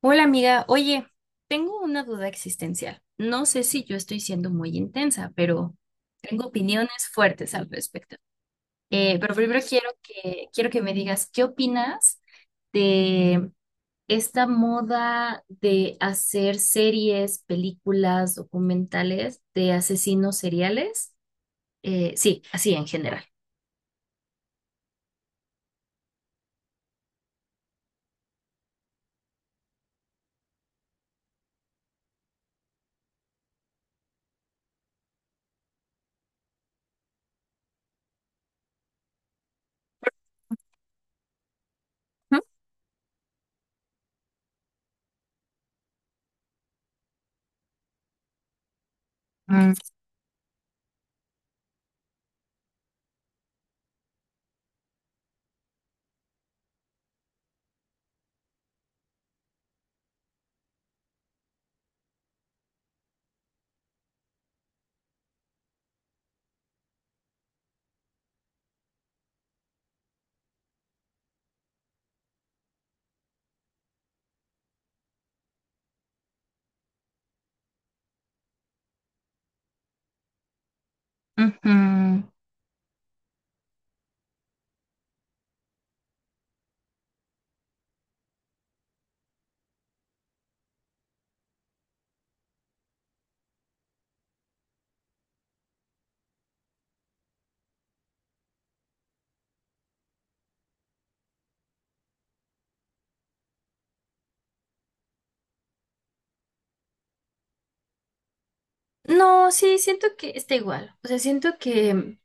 Hola amiga, oye, tengo una duda existencial. No sé si yo estoy siendo muy intensa, pero tengo opiniones fuertes al respecto. Pero primero quiero que me digas, ¿qué opinas de esta moda de hacer series, películas, documentales de asesinos seriales? Sí, así en general. Ujú. Mm, ujú. No, sí, siento que está igual. O sea, siento que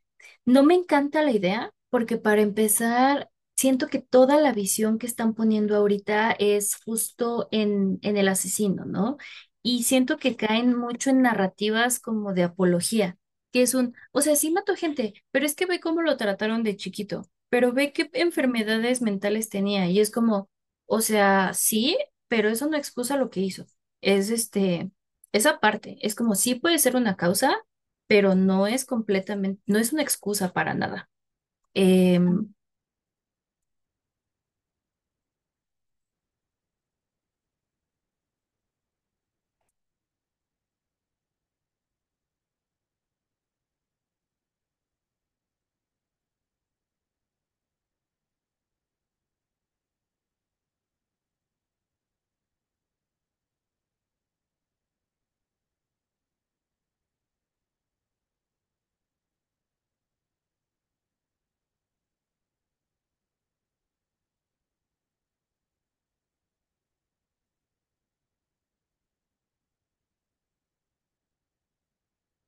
no me encanta la idea porque, para empezar, siento que toda la visión que están poniendo ahorita es justo en el asesino, ¿no? Y siento que caen mucho en narrativas como de apología, que es un, o sea, sí mató gente, pero es que ve cómo lo trataron de chiquito, pero ve qué enfermedades mentales tenía y es como, o sea, sí, pero eso no excusa lo que hizo. Es este Esa parte es como sí puede ser una causa, pero no es completamente, no es una excusa para nada. Em,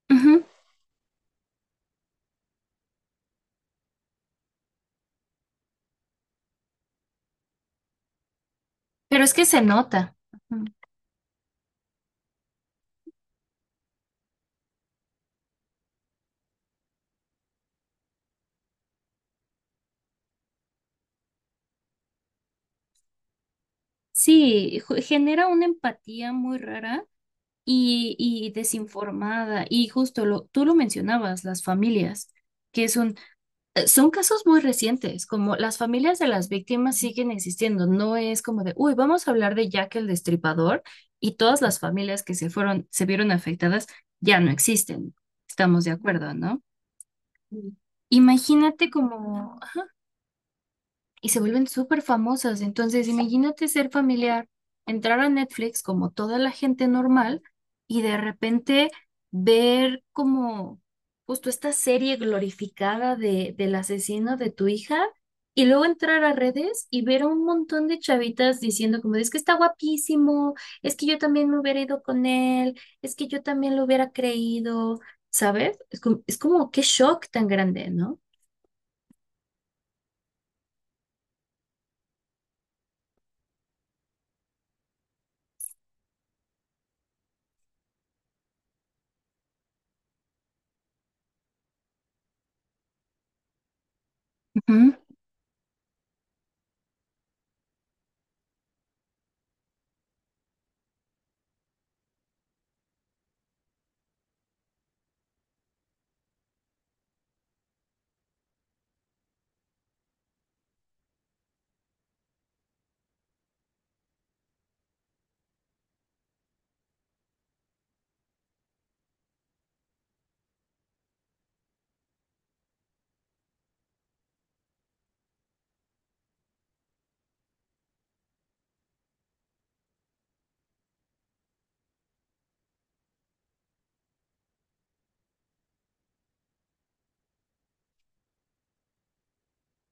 Ujú, pero es que se nota. Ujú. Sí, ju- genera una empatía muy rara y desinformada. Y justo lo, tú lo mencionabas, las familias, que es un. Son casos muy recientes, como las familias de las víctimas siguen existiendo, no es como de, uy, vamos a hablar de Jack el Destripador y todas las familias que se fueron, se vieron afectadas ya no existen. Estamos de acuerdo, ¿no? Mm. Imagínate como y se vuelven súper famosas. Entonces, imagínate ser familiar, entrar a Netflix como toda la gente normal y de repente ver como justo esta serie glorificada de, del asesino de tu hija, y luego entrar a redes y ver a un montón de chavitas diciendo como, es que está guapísimo, es que yo también me hubiera ido con él, es que yo también lo hubiera creído, ¿sabes? Es como qué shock tan grande, ¿no? Ujú.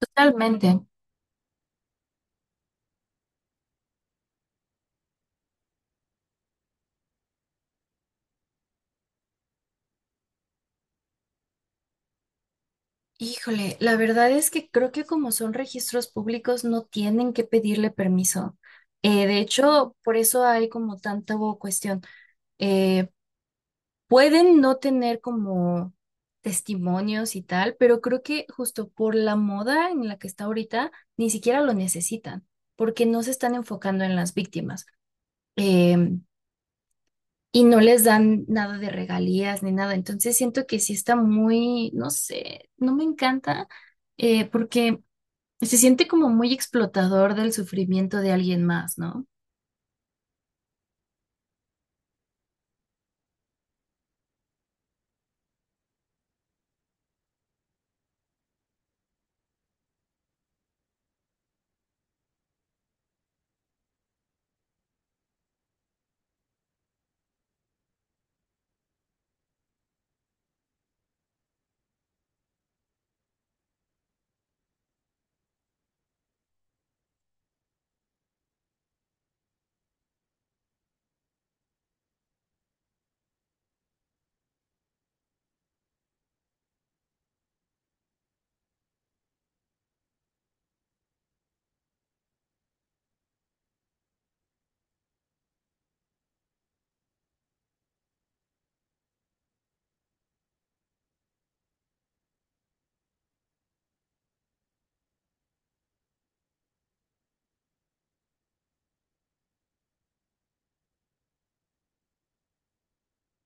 Totalmente. Híjole, la verdad es que creo que como son registros públicos no tienen que pedirle permiso. De hecho, por eso hay como tanta bo- cuestión. Eh, Pueden no tener como testimonios y tal, pero creo que justo por la moda en la que está ahorita, ni siquiera lo necesitan, porque no se están enfocando en las víctimas. Em, y no les dan nada de regalías ni nada. Entonces siento que sí está muy, no sé, no me encanta. Porque se siente como muy explotador del sufrimiento de alguien más, ¿no?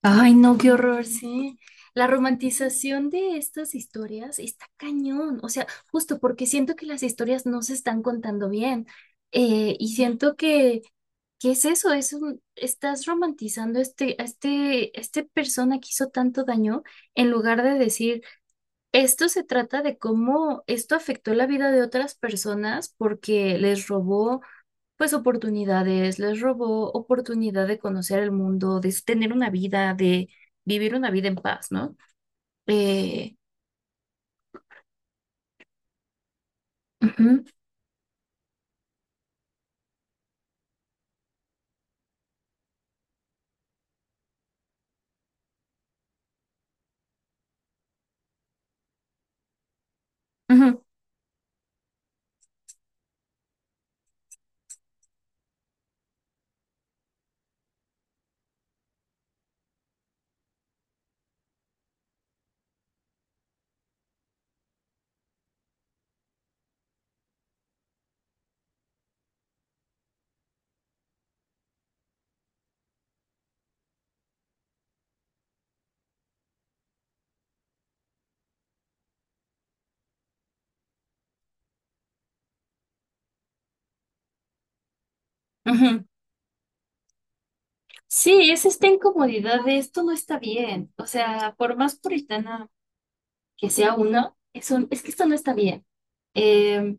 Ay, no, qué horror. Mm, sí. La romantización de estas historias está cañón, o sea, justo porque siento que las historias no se están contando bien. Y siento que, ¿qué es eso? Es un- estás romantizando a este persona que hizo tanto daño, en lugar de decir, esto se trata de cómo esto afectó la vida de otras personas porque les robó pues oportunidades, les robó oportunidad de conocer el mundo, de tener una vida, de vivir una vida en paz, ¿no? Eh, Ujú, ujú, ujú. Sí, es esta incomodidad de esto no está bien. O sea, por más puritana que sea uno, es un- es que esto no está bien. Em,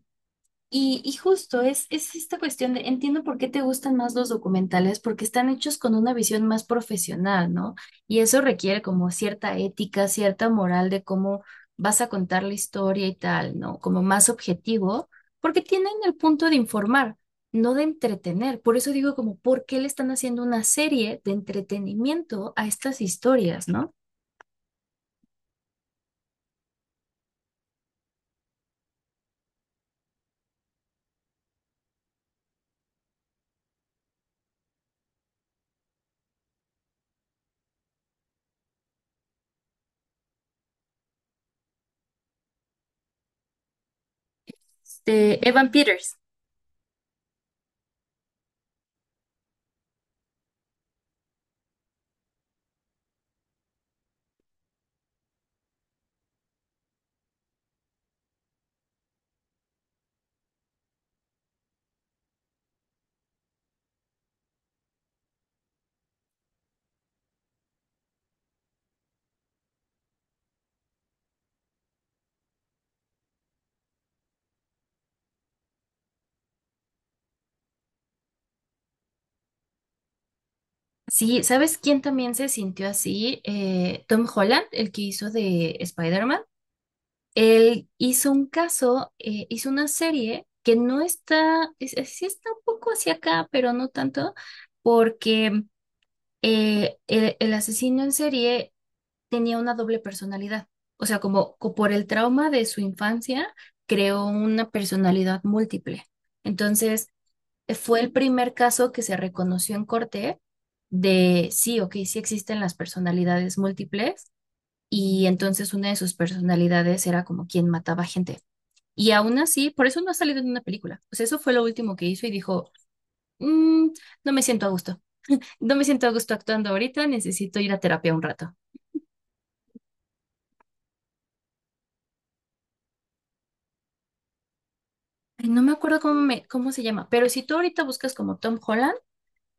Y justo es esta cuestión de, entiendo por qué te gustan más los documentales, porque están hechos con una visión más profesional, ¿no? Y eso requiere como cierta ética, cierta moral de cómo vas a contar la historia y tal, ¿no? Como más objetivo, porque tienen el punto de informar, no de entretener. Por eso digo como, ¿por qué le están haciendo una serie de entretenimiento a estas historias, ¿no? De Evan Peters. Sí, ¿sabes quién también se sintió así? Tom Holland, el que hizo de Spider-Man. Él hizo un caso, hizo una serie que no está, es- sí está un poco hacia acá, pero no tanto, porque el asesino en serie tenía una doble personalidad. O sea, como, co- por el trauma de su infancia, creó una personalidad múltiple. Entonces, fue el primer caso que se reconoció en corte de sí, ok, sí existen las personalidades múltiples, y entonces una de sus personalidades era como quien mataba gente. Y aún así, por eso no ha salido en una película. O sea, eso fue lo último que hizo y dijo, "Mm, no me siento a gusto. No me siento a gusto actuando ahorita, necesito ir a terapia un rato." Ay, no me acuerdo cómo, me, cómo se llama, pero si tú ahorita buscas como Tom Holland,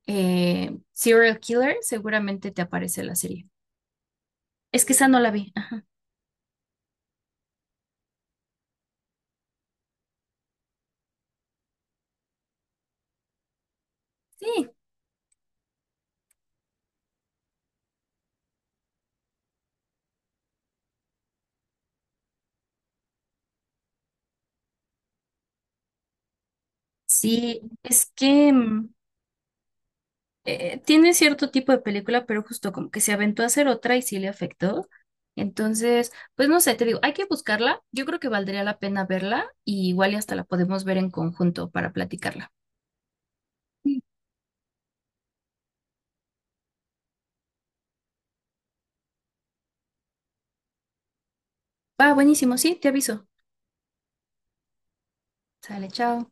Serial Killer, seguramente te aparece la serie. Es que esa no la vi. Ah, sí. Sí, es que mm, tiene cierto tipo de película, pero justo como que se aventó a hacer otra y sí le afectó. Entonces, pues no sé, te digo, hay que buscarla. Yo creo que valdría la pena verla y igual y hasta la podemos ver en conjunto para platicarla. Sí. Va, buenísimo, sí, te aviso. Sale, chao.